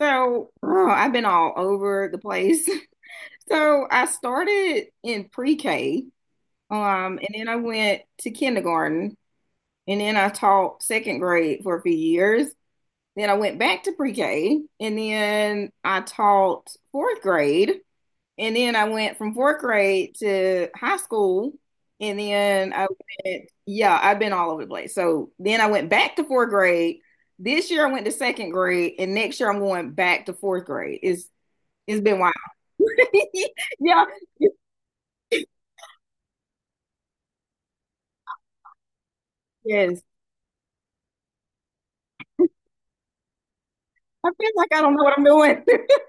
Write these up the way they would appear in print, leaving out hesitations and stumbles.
Oh, I've been all over the place. So, I started in pre-K, and then I went to kindergarten, and then I taught second grade for a few years. Then I went back to pre-K, and then I taught fourth grade, and then I went from fourth grade to high school, and then I went, yeah, I've been all over the place. So, then I went back to fourth grade. This year I went to second grade, and next year I'm going back to fourth grade. It's been wild. Yeah. Yes. I feel like I don't know what I'm doing.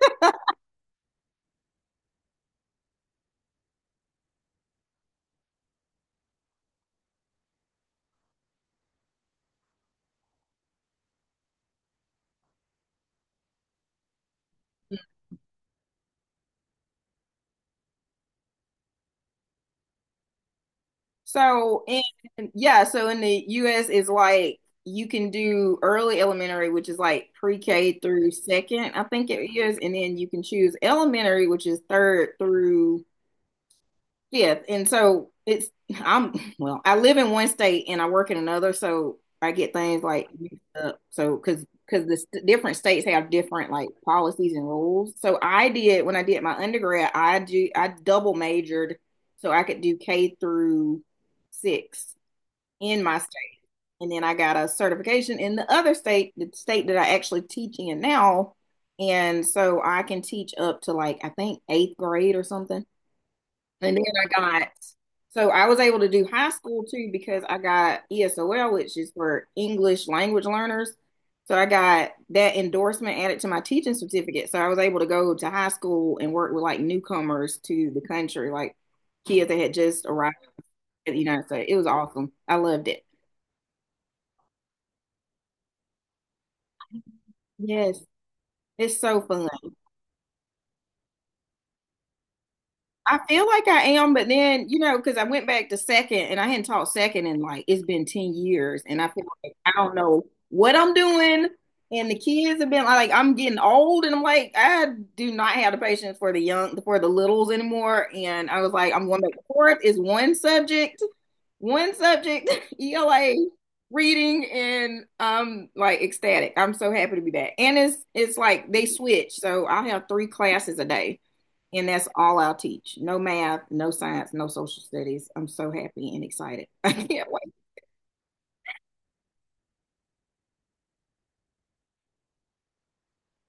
So, and yeah, so in the US it's like you can do early elementary, which is like pre-K through second, I think it is, and then you can choose elementary, which is third through yeah, and so it's I'm well, I live in one state and I work in another, so I get things like mixed up. So because the different states have different like policies and rules. So I did when I did my undergrad, I double majored so I could do K through six in my state, and then I got a certification in the other state, the state that I actually teach in now, and so I can teach up to like I think eighth grade or something. And then I got, So I was able to do high school too because I got ESOL, which is for English language learners. So I got that endorsement added to my teaching certificate. So I was able to go to high school and work with like newcomers to the country, like kids that had just arrived at the United States. It was awesome. I loved it. Yes, it's so fun. I feel like I am, but then, you know, because I went back to second and I hadn't taught second in like it's been 10 years. And I feel like I don't know what I'm doing. And the kids have been like, I'm getting old, and I'm like, I do not have the patience for the young, for the littles anymore. And I was like, I'm going back to fourth is one subject, ELA reading, and I'm like ecstatic. I'm so happy to be back. And it's like they switch, so I have three classes a day. And that's all I'll teach. No math, no science, no social studies. I'm so happy and excited. I can't wait.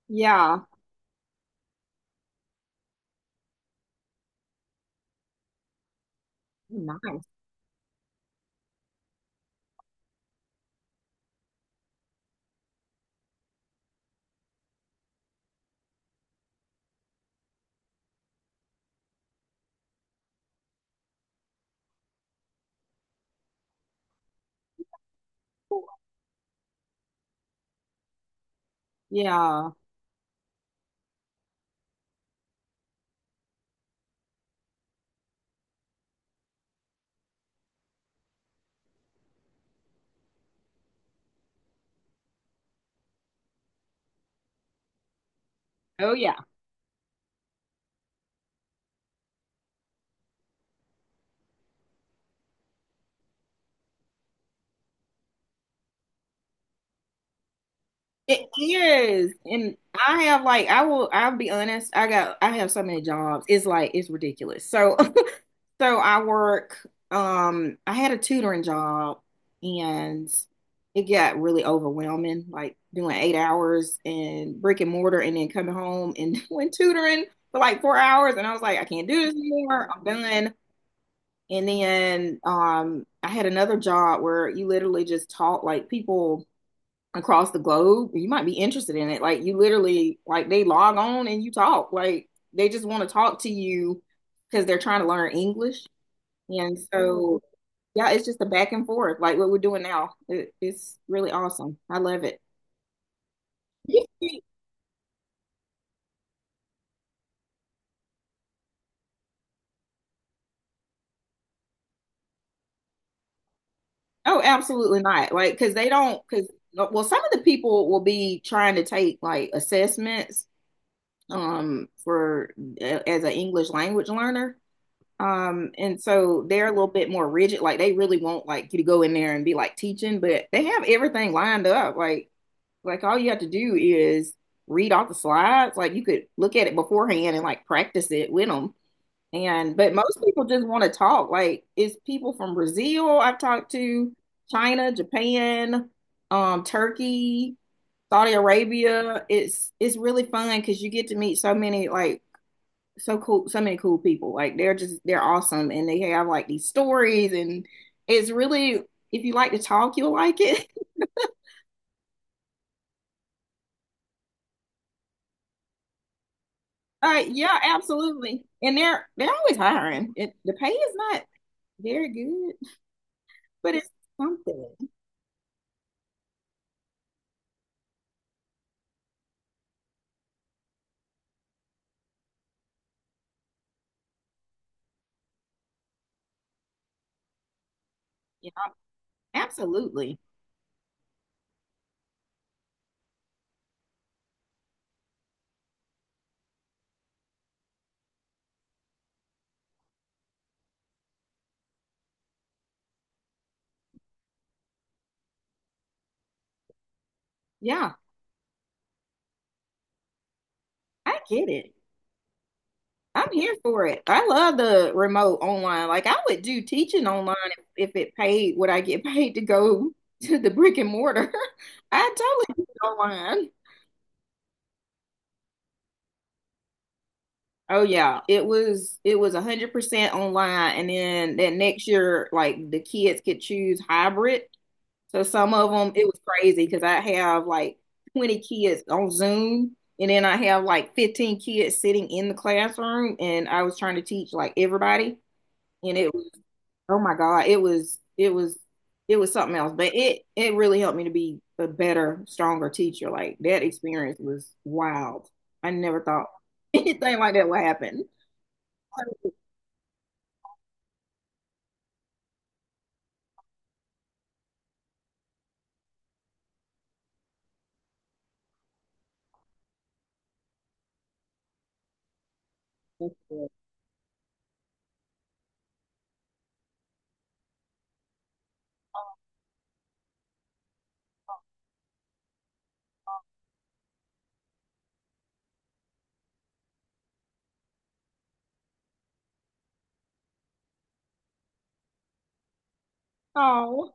Yeah. Nice. Yeah. Oh yeah. It is. And I have like I'll be honest, I have so many jobs. It's like it's ridiculous. So So I work, I had a tutoring job and it got really overwhelming, like doing 8 hours and brick and mortar and then coming home and doing tutoring for like 4 hours. And I was like, I can't do this anymore. I'm done. And then I had another job where you literally just taught like people across the globe. You might be interested in it. Like you literally, like they log on and you talk. Like they just want to talk to you because they're trying to learn English. And so, yeah, it's just a back and forth, like what we're doing now. It's really awesome. I love it. You think- Oh, absolutely not. Like, because they don't, because, well, some of the people will be trying to take like assessments for as an English language learner. And so they're a little bit more rigid. Like they really want like you to go in there and be like teaching, but they have everything lined up. Like all you have to do is read off the slides. Like you could look at it beforehand and like practice it with them. And but most people just want to talk. Like it's people from Brazil I've talked to, China, Japan, Turkey, Saudi Arabia. It's really fun because you get to meet so many cool people. Like they're awesome and they have like these stories, and it's really if you like to talk, you'll like it. Yeah, absolutely. And they're always hiring. It the pay is not very good, but it's something. You know, absolutely. Yeah, I get it. I'm here for it. I love the remote online. Like I would do teaching online if it paid what I get paid to go to the brick and mortar. I totally do it online. Oh yeah, it was 100% online, and then that next year like the kids could choose hybrid. So some of them, it was crazy because I have like 20 kids on Zoom, and then I have like 15 kids sitting in the classroom, and I was trying to teach like everybody, and it was, oh my God, it was something else. But it really helped me to be a better, stronger teacher. Like that experience was wild. I never thought anything like that would happen. Oh,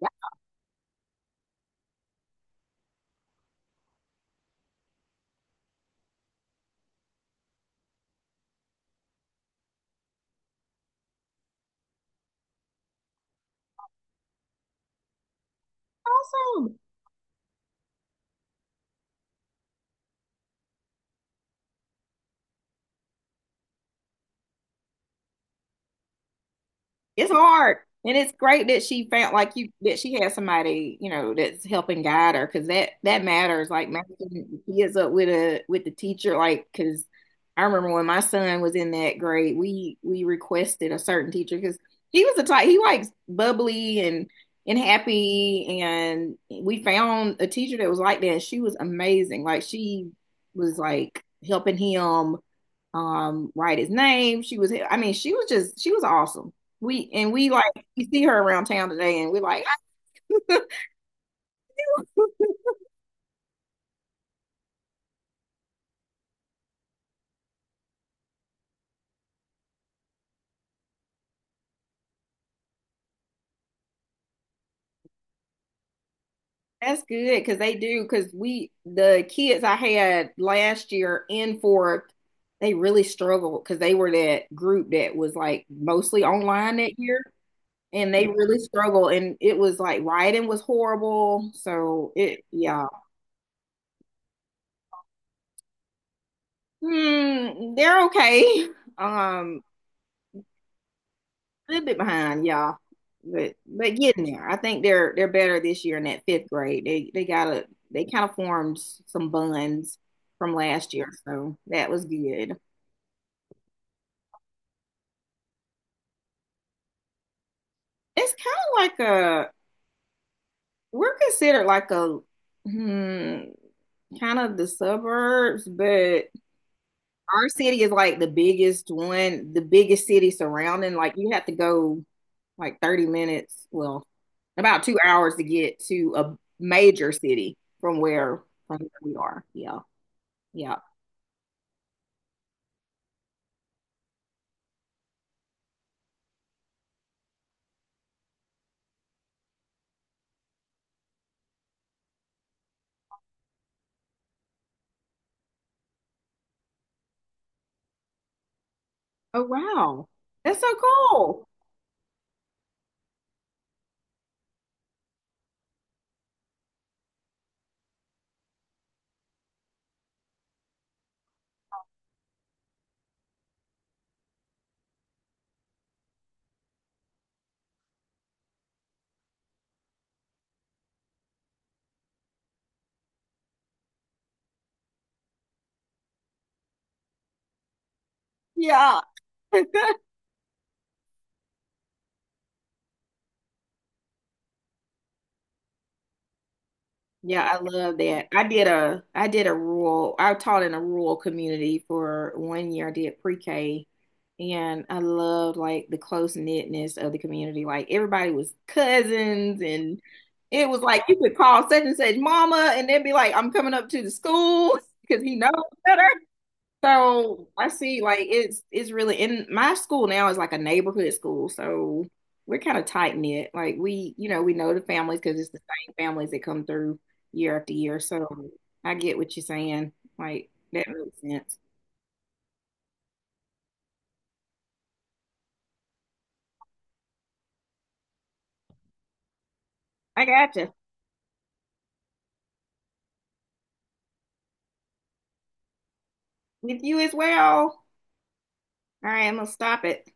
that's awesome. It's hard. And it's great that she found like you, that she had somebody, you know, that's helping guide her because that matters. Like matching the kids up with a with the teacher, like because I remember when my son was in that grade, we requested a certain teacher because he was the type he likes bubbly and happy, and we found a teacher that was like that, and she was amazing. Like she was like helping him write his name. She was, I mean, she was awesome. We like you see her around town today, and we're like, that's good because they do because we the kids I had last year in fourth, they really struggled because they were that group that was like mostly online that year, and they really struggled, and it was like writing was horrible. So it yeah. They're okay. Um, Little bit behind y'all, but getting there. I think they're better this year in that fifth grade. They got a they kind of formed some bonds from last year, so that was good. It's kind of like a we're considered like a hmm, kind of the suburbs, but our city is like the biggest one, the biggest city surrounding. Like you have to go like 30 minutes, well, about 2 hours to get to a major city from where we are. Yeah. Yeah. Oh wow. That's so cool. Yeah. Yeah, I love that. I taught in a rural community for 1 year. I did pre-K and I loved like the close knitness of the community. Like everybody was cousins, and it was like you could call such and such mama and they'd be like, I'm coming up to the school because he knows better. So I see like it's really in my school now is like a neighborhood school. So we're kind of tight knit. Like we, you know, we know the families because it's the same families that come through year after year. So I get what you're saying. Like that makes sense. I gotcha. With you as well. All right, I'm gonna stop it.